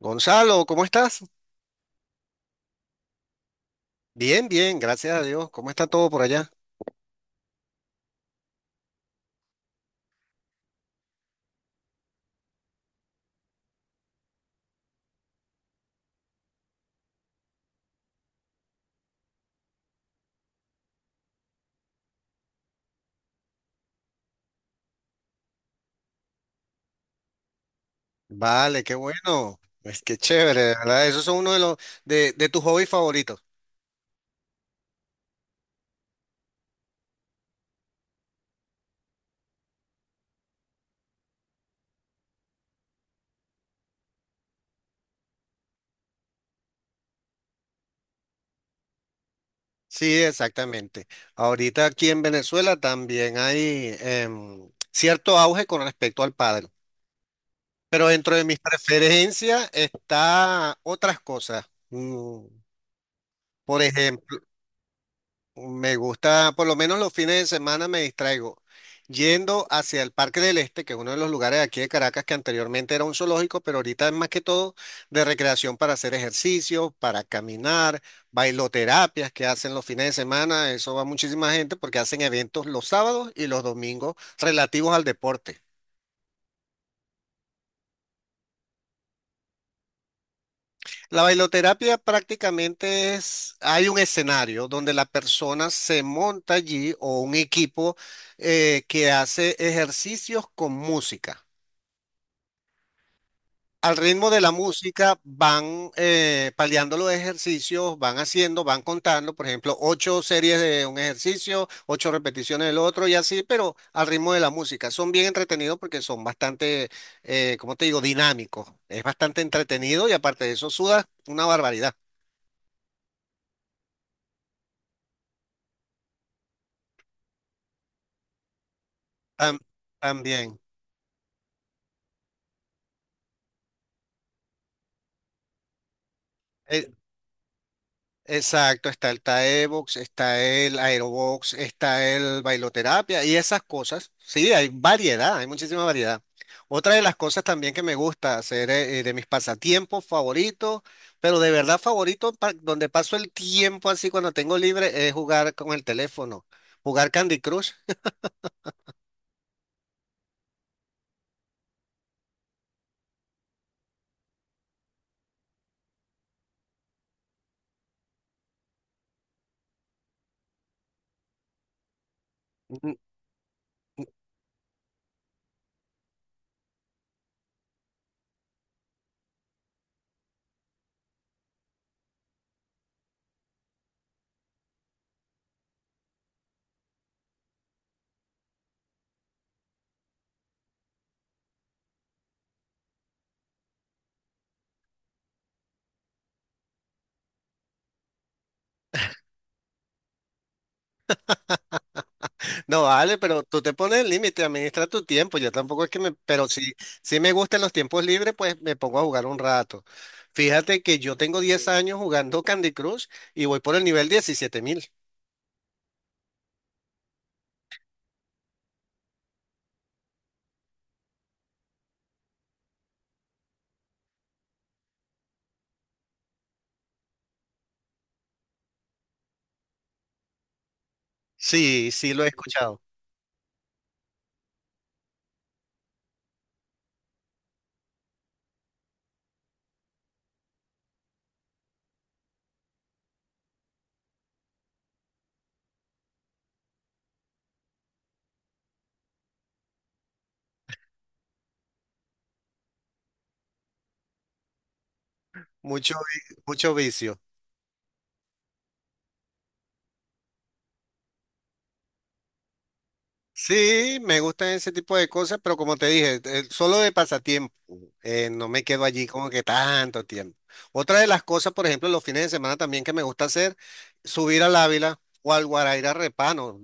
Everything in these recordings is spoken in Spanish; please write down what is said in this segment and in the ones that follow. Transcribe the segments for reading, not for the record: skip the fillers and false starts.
Gonzalo, ¿cómo estás? Bien, bien, gracias a Dios. ¿Cómo está todo por allá? Vale, qué bueno. Es que chévere, ¿de verdad? Esos son uno de los de tus hobbies favoritos. Sí, exactamente. Ahorita aquí en Venezuela también hay cierto auge con respecto al pádel, pero dentro de mis preferencias está otras cosas. Mm, por ejemplo, me gusta, por lo menos los fines de semana me distraigo yendo hacia el Parque del Este, que es uno de los lugares de aquí de Caracas que anteriormente era un zoológico, pero ahorita es más que todo de recreación para hacer ejercicio, para caminar, bailoterapias que hacen los fines de semana. Eso va muchísima gente porque hacen eventos los sábados y los domingos relativos al deporte. La bailoterapia prácticamente es, hay un escenario donde la persona se monta allí o un equipo que hace ejercicios con música. Al ritmo de la música van paliando los ejercicios, van haciendo, van contando, por ejemplo, 8 series de un ejercicio, 8 repeticiones del otro y así, pero al ritmo de la música. Son bien entretenidos porque son ¿cómo te digo?, dinámicos. Es bastante entretenido y aparte de eso sudas una barbaridad. Tam- También. Eh, exacto, está el Taebox, está el Aerobox, está el bailoterapia y esas cosas. Sí, hay variedad, hay muchísima variedad. Otra de las cosas también que me gusta hacer, de mis pasatiempos favoritos, pero de verdad favorito, donde paso el tiempo así cuando tengo libre, es jugar con el teléfono, jugar Candy Crush. No, vale, pero tú te pones el límite, administra tu tiempo. Yo tampoco es que me, pero sí, sí me gustan los tiempos libres, pues me pongo a jugar un rato. Fíjate que yo tengo 10 años jugando Candy Crush y voy por el nivel 17.000. Sí, sí lo he escuchado. Mucho, mucho vicio. Sí, me gustan ese tipo de cosas, pero como te dije, solo de pasatiempo, no me quedo allí como que tanto tiempo. Otra de las cosas, por ejemplo, los fines de semana también que me gusta hacer, subir al Ávila o al Guaraira Repano,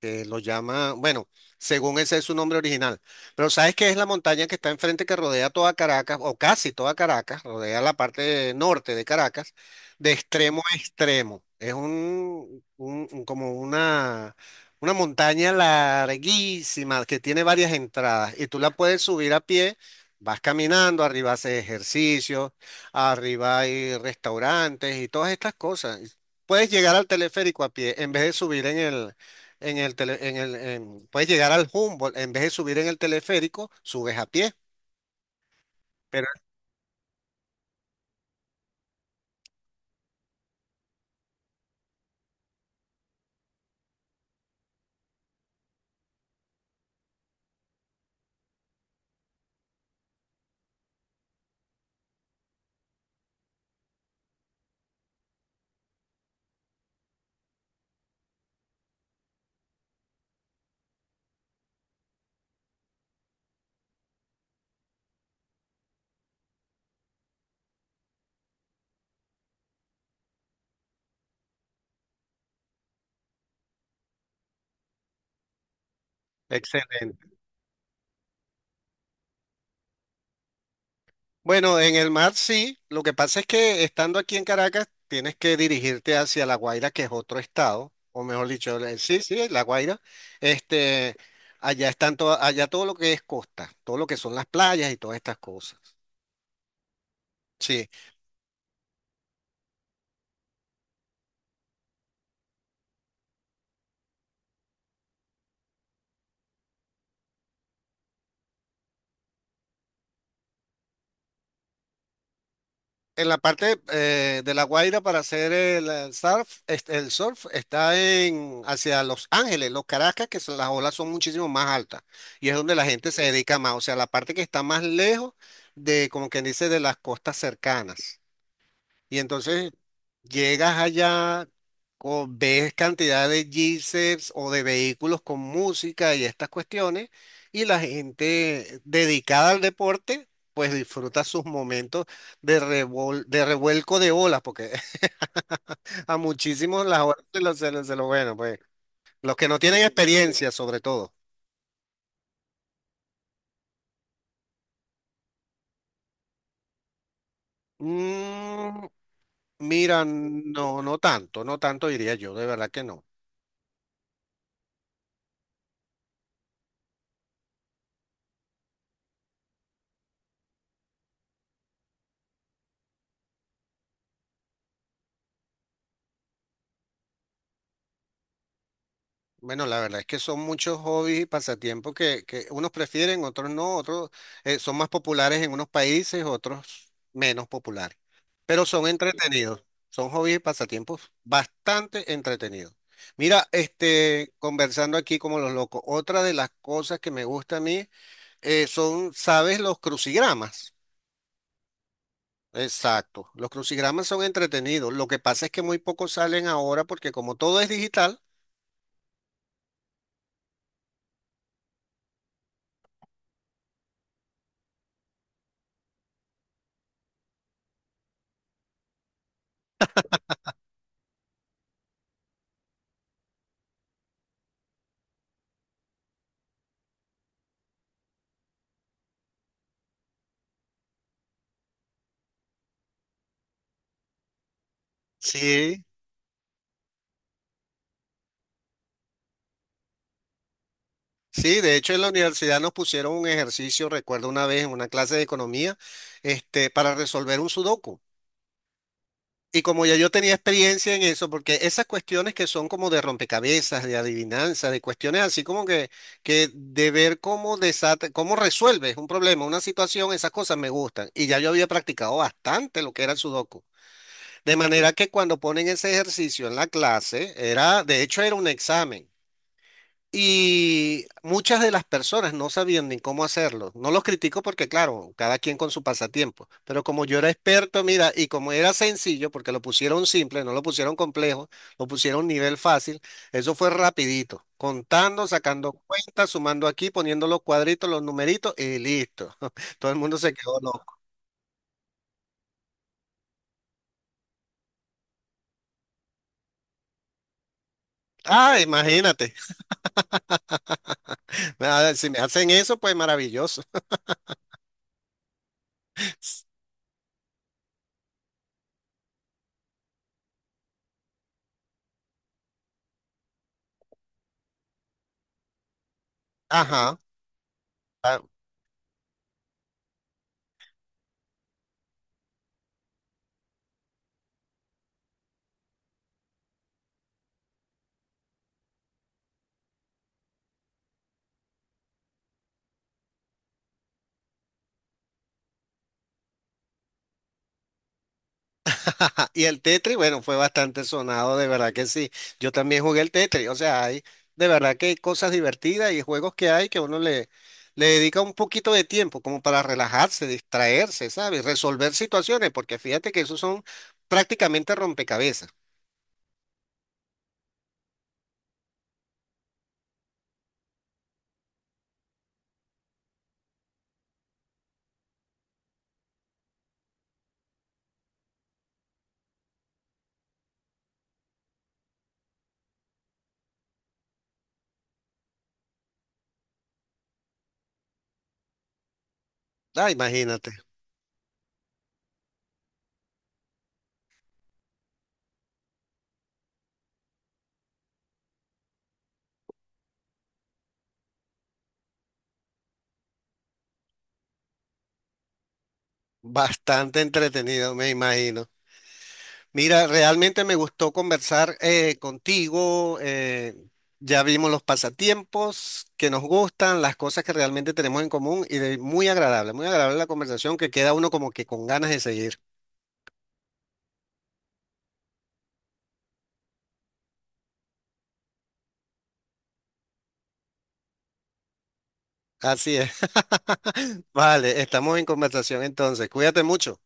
que lo llama, bueno, según ese es su nombre original. Pero ¿sabes qué? Es la montaña que está enfrente, que rodea toda Caracas, o casi toda Caracas, rodea la parte norte de Caracas, de extremo a extremo. Es como una montaña larguísima que tiene varias entradas y tú la puedes subir a pie, vas caminando, arriba haces ejercicio, arriba hay restaurantes y todas estas cosas. Y puedes llegar al teleférico a pie en vez de subir en el, puedes llegar al Humboldt en vez de subir en el teleférico, subes a pie. Pero excelente. Bueno, en el mar sí. Lo que pasa es que estando aquí en Caracas tienes que dirigirte hacia La Guaira, que es otro estado, o mejor dicho, sí, sí, La Guaira. Este, allá están todo, allá todo lo que es costa, todo lo que son las playas y todas estas cosas. Sí. En la parte de La Guaira para hacer el, surf, este, el surf está en hacia Los Ángeles, Los Caracas, las olas son muchísimo más altas y es donde la gente se dedica más, o sea, la parte que está más lejos de, como quien dice, de las costas cercanas. Y entonces llegas allá, o ves cantidad de G-Seps o de vehículos con música y estas cuestiones, y la gente dedicada al deporte, pues disfruta sus momentos de, de revuelco de olas, porque a muchísimos las olas bueno, pues los que no tienen experiencia sobre todo. Mm, mira, no, no tanto, no tanto diría yo, de verdad que no. Bueno, la verdad es que son muchos hobbies y pasatiempos que unos prefieren, otros no, otros son más populares en unos países, otros menos populares, pero son entretenidos, son hobbies y pasatiempos bastante entretenidos. Mira, este, conversando aquí como los locos, otra de las cosas que me gusta a mí, son, ¿sabes? Los crucigramas. Exacto, los crucigramas son entretenidos, lo que pasa es que muy pocos salen ahora porque como todo es digital. Sí. Sí, de hecho en la universidad nos pusieron un ejercicio, recuerdo una vez en una clase de economía, este, para resolver un sudoku. Y como ya yo tenía experiencia en eso, porque esas cuestiones que son como de rompecabezas, de adivinanza, de cuestiones así como que de ver cómo desata, cómo resuelves un problema, una situación, esas cosas me gustan. Y ya yo había practicado bastante lo que era el sudoku. De manera que cuando ponen ese ejercicio en la clase, era, de hecho era un examen. Y muchas de las personas no sabían ni cómo hacerlo. No los critico porque, claro, cada quien con su pasatiempo. Pero como yo era experto, mira, y como era sencillo, porque lo pusieron simple, no lo pusieron complejo, lo pusieron nivel fácil, eso fue rapidito. Contando, sacando cuentas, sumando aquí, poniendo los cuadritos, los numeritos y listo. Todo el mundo se quedó loco. Ah, imagínate. Ah, si me hacen eso, pues maravilloso. Ajá. Ajá, y el Tetris, bueno, fue bastante sonado, de verdad que sí. Yo también jugué el Tetris, o sea, hay, de verdad que hay cosas divertidas y juegos que hay que uno le, le dedica un poquito de tiempo como para relajarse, distraerse, ¿sabes? Resolver situaciones, porque fíjate que esos son prácticamente rompecabezas. Ah, imagínate, bastante entretenido, me imagino. Mira, realmente me gustó conversar, contigo. Ya vimos los pasatiempos que nos gustan, las cosas que realmente tenemos en común y muy agradable la conversación que queda uno como que con ganas de seguir. Así es. Vale, estamos en conversación entonces. Cuídate mucho.